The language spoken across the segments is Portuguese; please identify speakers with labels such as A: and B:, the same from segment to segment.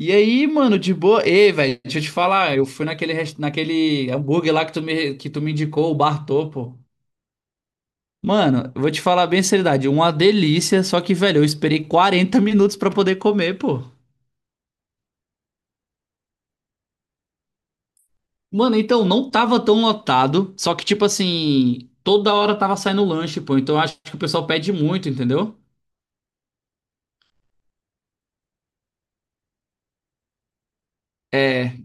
A: E aí, mano, de boa. Ei, velho, deixa eu te falar, eu fui naquele, naquele hambúrguer lá que tu me indicou, o Bartô, pô. Mano, eu vou te falar bem seriedade, uma delícia, só que, velho, eu esperei 40 minutos pra poder comer, pô. Mano, então, não tava tão lotado, só que, tipo assim, toda hora tava saindo lanche, pô, então eu acho que o pessoal pede muito, entendeu? É.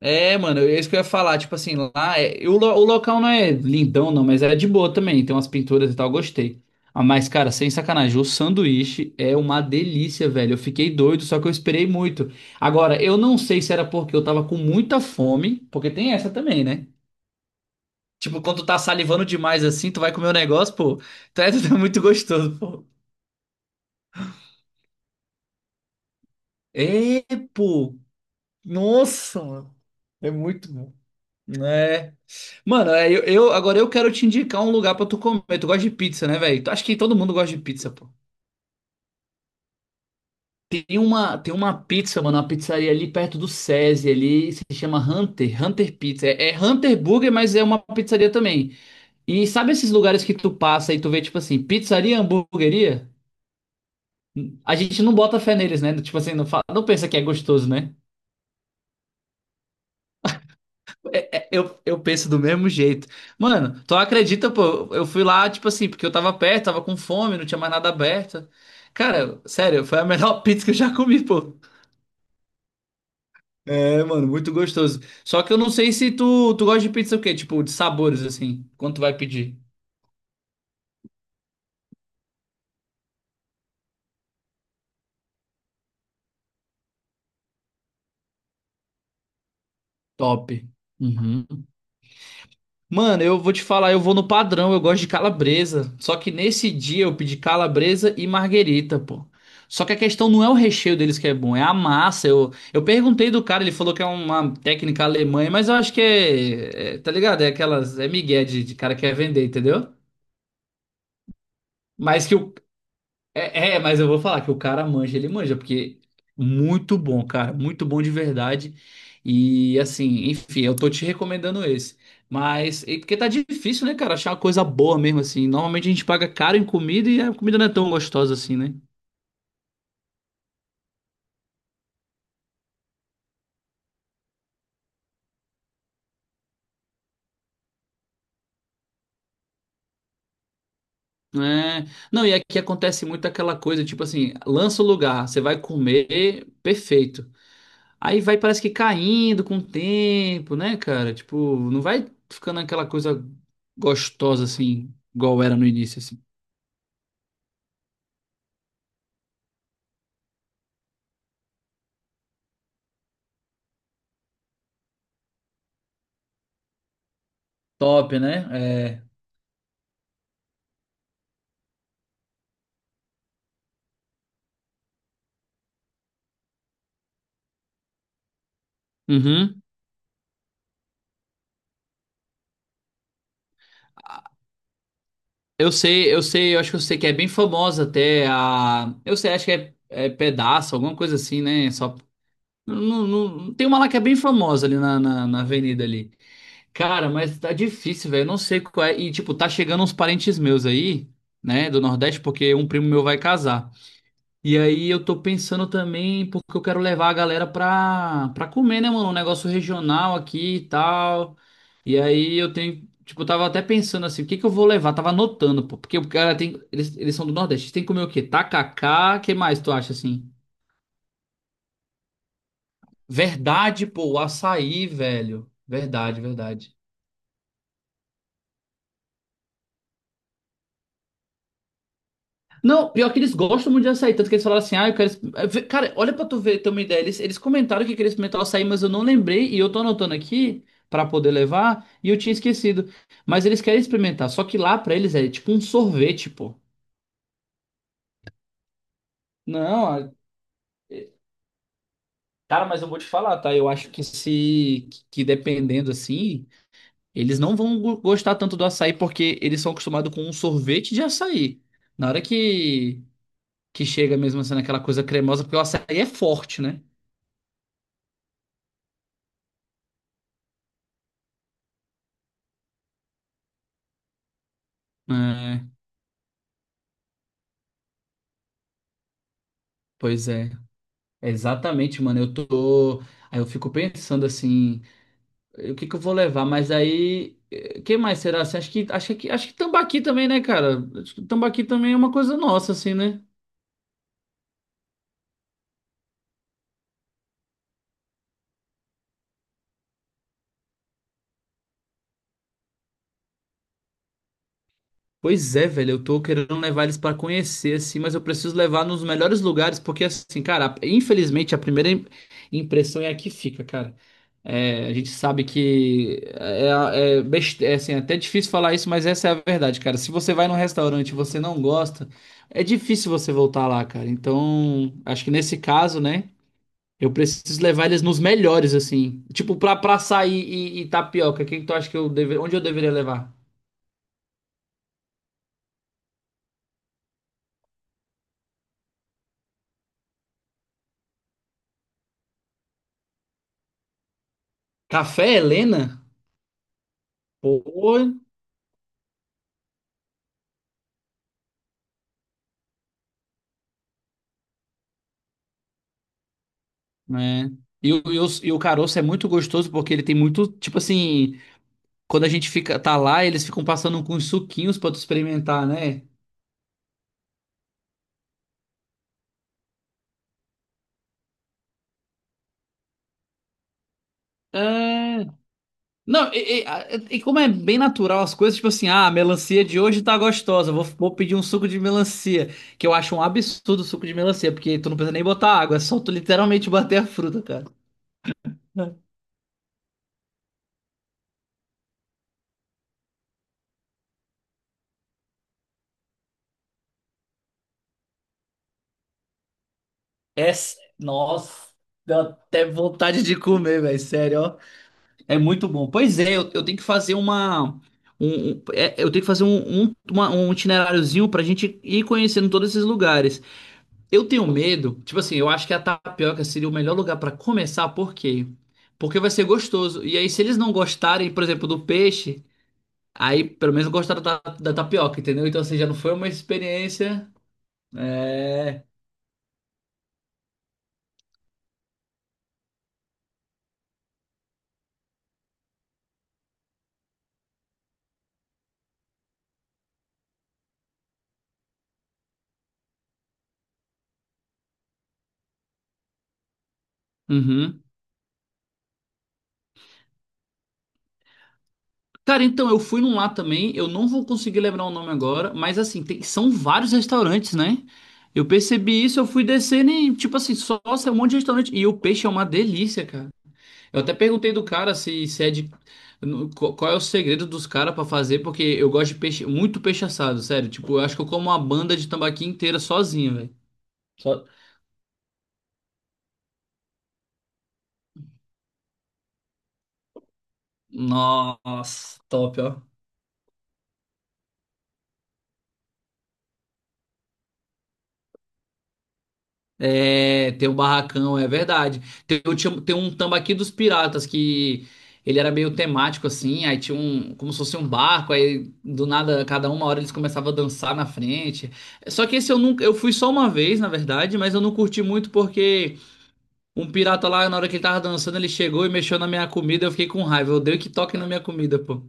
A: É, mano, é isso que eu ia falar. Tipo assim, lá é, e o, lo- o local não é lindão, não, mas é de boa também. Tem umas pinturas e tal, gostei. Ah, mas, cara, sem sacanagem, o sanduíche é uma delícia, velho. Eu fiquei doido, só que eu esperei muito. Agora, eu não sei se era porque eu tava com muita fome, porque tem essa também, né? Tipo, quando tu tá salivando demais assim, tu vai comer um negócio, pô. Tu tá muito gostoso, pô. É, pô. Nossa, mano. É muito bom. É. Mano, agora eu quero te indicar um lugar pra tu comer. Tu gosta de pizza, né, velho? Tu- Acho que todo mundo gosta de pizza, pô. Tem uma pizzaria ali perto do SESI ali, se chama Hunter, Hunter Pizza. É Hunter Burger, mas é uma pizzaria também. E sabe esses lugares que tu passa e tu vê, tipo assim, pizzaria, hamburgueria? A gente não bota fé neles, né? Tipo assim, não, fala, não pensa que é gostoso, né? Eu penso do mesmo jeito. Mano, tu acredita, pô? Eu fui lá, tipo assim, porque eu tava perto, tava com fome, não tinha mais nada aberto. Cara, sério, foi a melhor pizza que eu já comi, pô. É, mano, muito gostoso. Só que eu não sei se tu gosta de pizza o quê? Tipo, de sabores, assim. Quanto vai pedir? Top. Uhum. Mano, eu vou te falar, eu vou no padrão, eu gosto de calabresa. Só que nesse dia eu pedi calabresa e marguerita, pô. Só que a questão não é o recheio deles que é bom, é a massa. Eu perguntei do cara, ele falou que é uma técnica alemã, mas eu acho que tá ligado? É aquelas, é migué de cara que quer vender, entendeu? Mas que o, mas eu vou falar que o cara manja, ele manja, porque muito bom, cara, muito bom de verdade. E assim, enfim, eu tô te recomendando esse. Mas, e porque tá difícil, né, cara, achar uma coisa boa mesmo, assim. Normalmente a gente paga caro em comida e a comida não é tão gostosa assim, né? É, não, e aqui acontece muito aquela coisa, tipo assim, lança o lugar, você vai comer, perfeito. Aí vai, parece que caindo com o tempo, né, cara? Tipo, não vai ficando aquela coisa gostosa assim, igual era no início, assim. Top, né? É. Uhum. Eu acho que eu sei que é bem famosa até a. Eu sei, acho que é pedaço, alguma coisa assim, né? Só. Tem uma lá que é bem famosa ali na avenida ali. Cara, mas tá difícil, velho. Eu Não sei qual é. E, tipo, tá chegando uns parentes meus aí, né, do Nordeste, porque um primo meu vai casar. E aí eu tô pensando também, porque eu quero levar a galera pra comer, né, mano? Um negócio regional aqui e tal. E aí eu tenho, tipo, eu tava até pensando assim, o que que eu vou levar? Tava anotando, pô, porque o cara tem, eles são do Nordeste, tem que comer o quê? Tacacá, que mais tu acha assim? Verdade, pô, o açaí, velho. Verdade, verdade. Não, pior que eles gostam muito de açaí, tanto que eles falaram assim, ah, eu quero... exp- eh, Cara, olha pra tu ver, ter uma ideia, eles comentaram que queriam experimentar o açaí, mas eu não lembrei, e eu tô anotando aqui pra poder levar, e eu tinha esquecido. Mas eles querem experimentar, só que lá pra eles é tipo um sorvete, pô. Não, a- cara, mas eu vou te falar, tá? Eu acho que se... que dependendo, assim, eles não vão gostar tanto do açaí, porque eles são acostumados com um sorvete de açaí. Na hora que... que chega mesmo sendo aquela coisa cremosa, porque o açaí é forte, né? É. Pois é, exatamente, mano. Eu tô. Aí eu fico pensando assim, o que que eu vou levar? Mas aí, quem mais será? Assim, acho que tambaqui também, né, cara? Acho que Tambaqui também é uma coisa nossa, assim, né? Pois é, velho, eu tô querendo levar eles pra conhecer, assim, mas eu preciso levar nos melhores lugares, porque, assim, cara, infelizmente a primeira impressão é a que fica, cara. É, a gente sabe que é, é, best- é, assim, é até difícil falar isso, mas essa é a verdade, cara. Se você vai num restaurante e você não gosta, é difícil você voltar lá, cara. Então, acho que nesse caso, né, eu preciso levar eles nos melhores, assim. Tipo, pra açaí e tapioca, quem tu acha que onde eu deveria levar? Café Helena? Pô, né? E o caroço é muito gostoso porque ele tem muito, tipo assim, quando a gente fica, tá lá, eles ficam passando com uns suquinhos pra tu experimentar, né? É. Não, e como é bem natural as coisas, tipo assim, ah, a melancia de hoje tá gostosa, vou pedir um suco de melancia, que eu acho um absurdo o suco de melancia, porque tu não precisa nem botar água, é só tu literalmente bater a fruta, cara. Nossa, deu até vontade de comer, velho, sério, ó. É muito bom. Pois é, eu tenho que fazer uma. Eu tenho que fazer um itineráriozinho pra gente ir conhecendo todos esses lugares. Eu tenho medo, tipo assim, eu acho que a Tapioca seria o melhor lugar pra começar, por quê? Porque vai ser gostoso. E aí, se eles não gostarem, por exemplo, do peixe, aí pelo menos gostaram da tapioca, entendeu? Então, assim, já não foi uma experiência. Uhum. Cara, então eu fui num lá também, eu não vou conseguir lembrar o nome agora, mas assim, são vários restaurantes, né? Eu percebi isso, eu fui descendo e, tipo assim, só nossa, é um monte de restaurante. E o peixe é uma delícia, cara. Eu até perguntei do cara se é de. Qual é o segredo dos caras pra fazer, porque eu gosto de peixe, muito peixe assado, sério. Tipo, eu acho que eu como uma banda de tambaqui inteira sozinho, velho. Só- Nossa, top, ó. É, tem o barracão, é verdade. Tem um Tambaqui dos Piratas que ele era meio temático assim, aí tinha um, como se fosse um barco, aí do nada, cada uma hora eles começavam a dançar na frente. Só que esse eu nunca, eu fui só uma vez, na verdade, mas eu não curti muito porque um pirata lá, na hora que ele tava dançando, ele chegou e mexeu na minha comida, eu fiquei com raiva. Eu odeio que toque na minha comida, pô.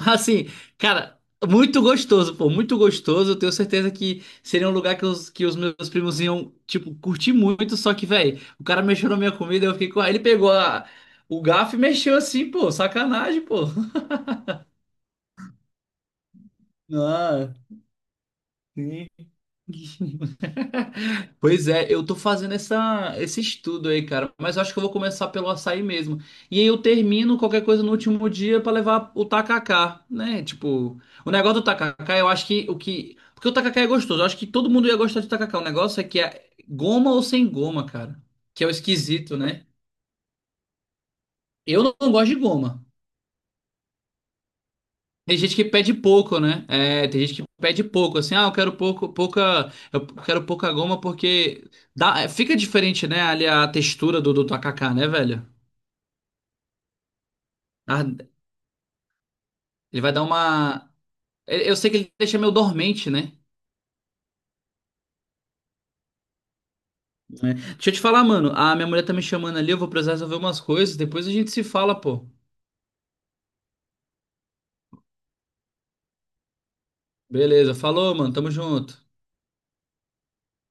A: Assim, cara, muito gostoso, pô, muito gostoso. Eu tenho certeza que seria um lugar que os meus primos iam, tipo, curtir muito. Só que, velho, o cara mexeu na minha comida, eu fiquei com. Aí ele pegou a- o garfo e mexeu assim, pô, sacanagem, pô. Ah, sim. Pois é, eu tô fazendo esse estudo aí, cara, mas eu acho que eu vou começar pelo açaí mesmo. E aí eu termino qualquer coisa no último dia pra levar o tacacá, né? Tipo, o negócio do tacacá, eu acho que o que. Porque o tacacá é gostoso, eu acho que todo mundo ia gostar de tacacá. O negócio é que é goma ou sem goma, cara, que é o esquisito, né? Eu não gosto de goma. Tem gente que pede pouco, né? É, tem gente que pede pouco, assim, ah, eu quero pouca, eu quero pouca goma porque fica diferente, né? Ali a textura do tacacá, né, velho? Ah, ele vai dar uma. Eu sei que ele deixa meio dormente, né? É. Deixa eu te falar, mano. A minha mulher tá me chamando ali, eu vou precisar resolver umas coisas. Depois a gente se fala, pô. Beleza, falou, mano. Tamo junto.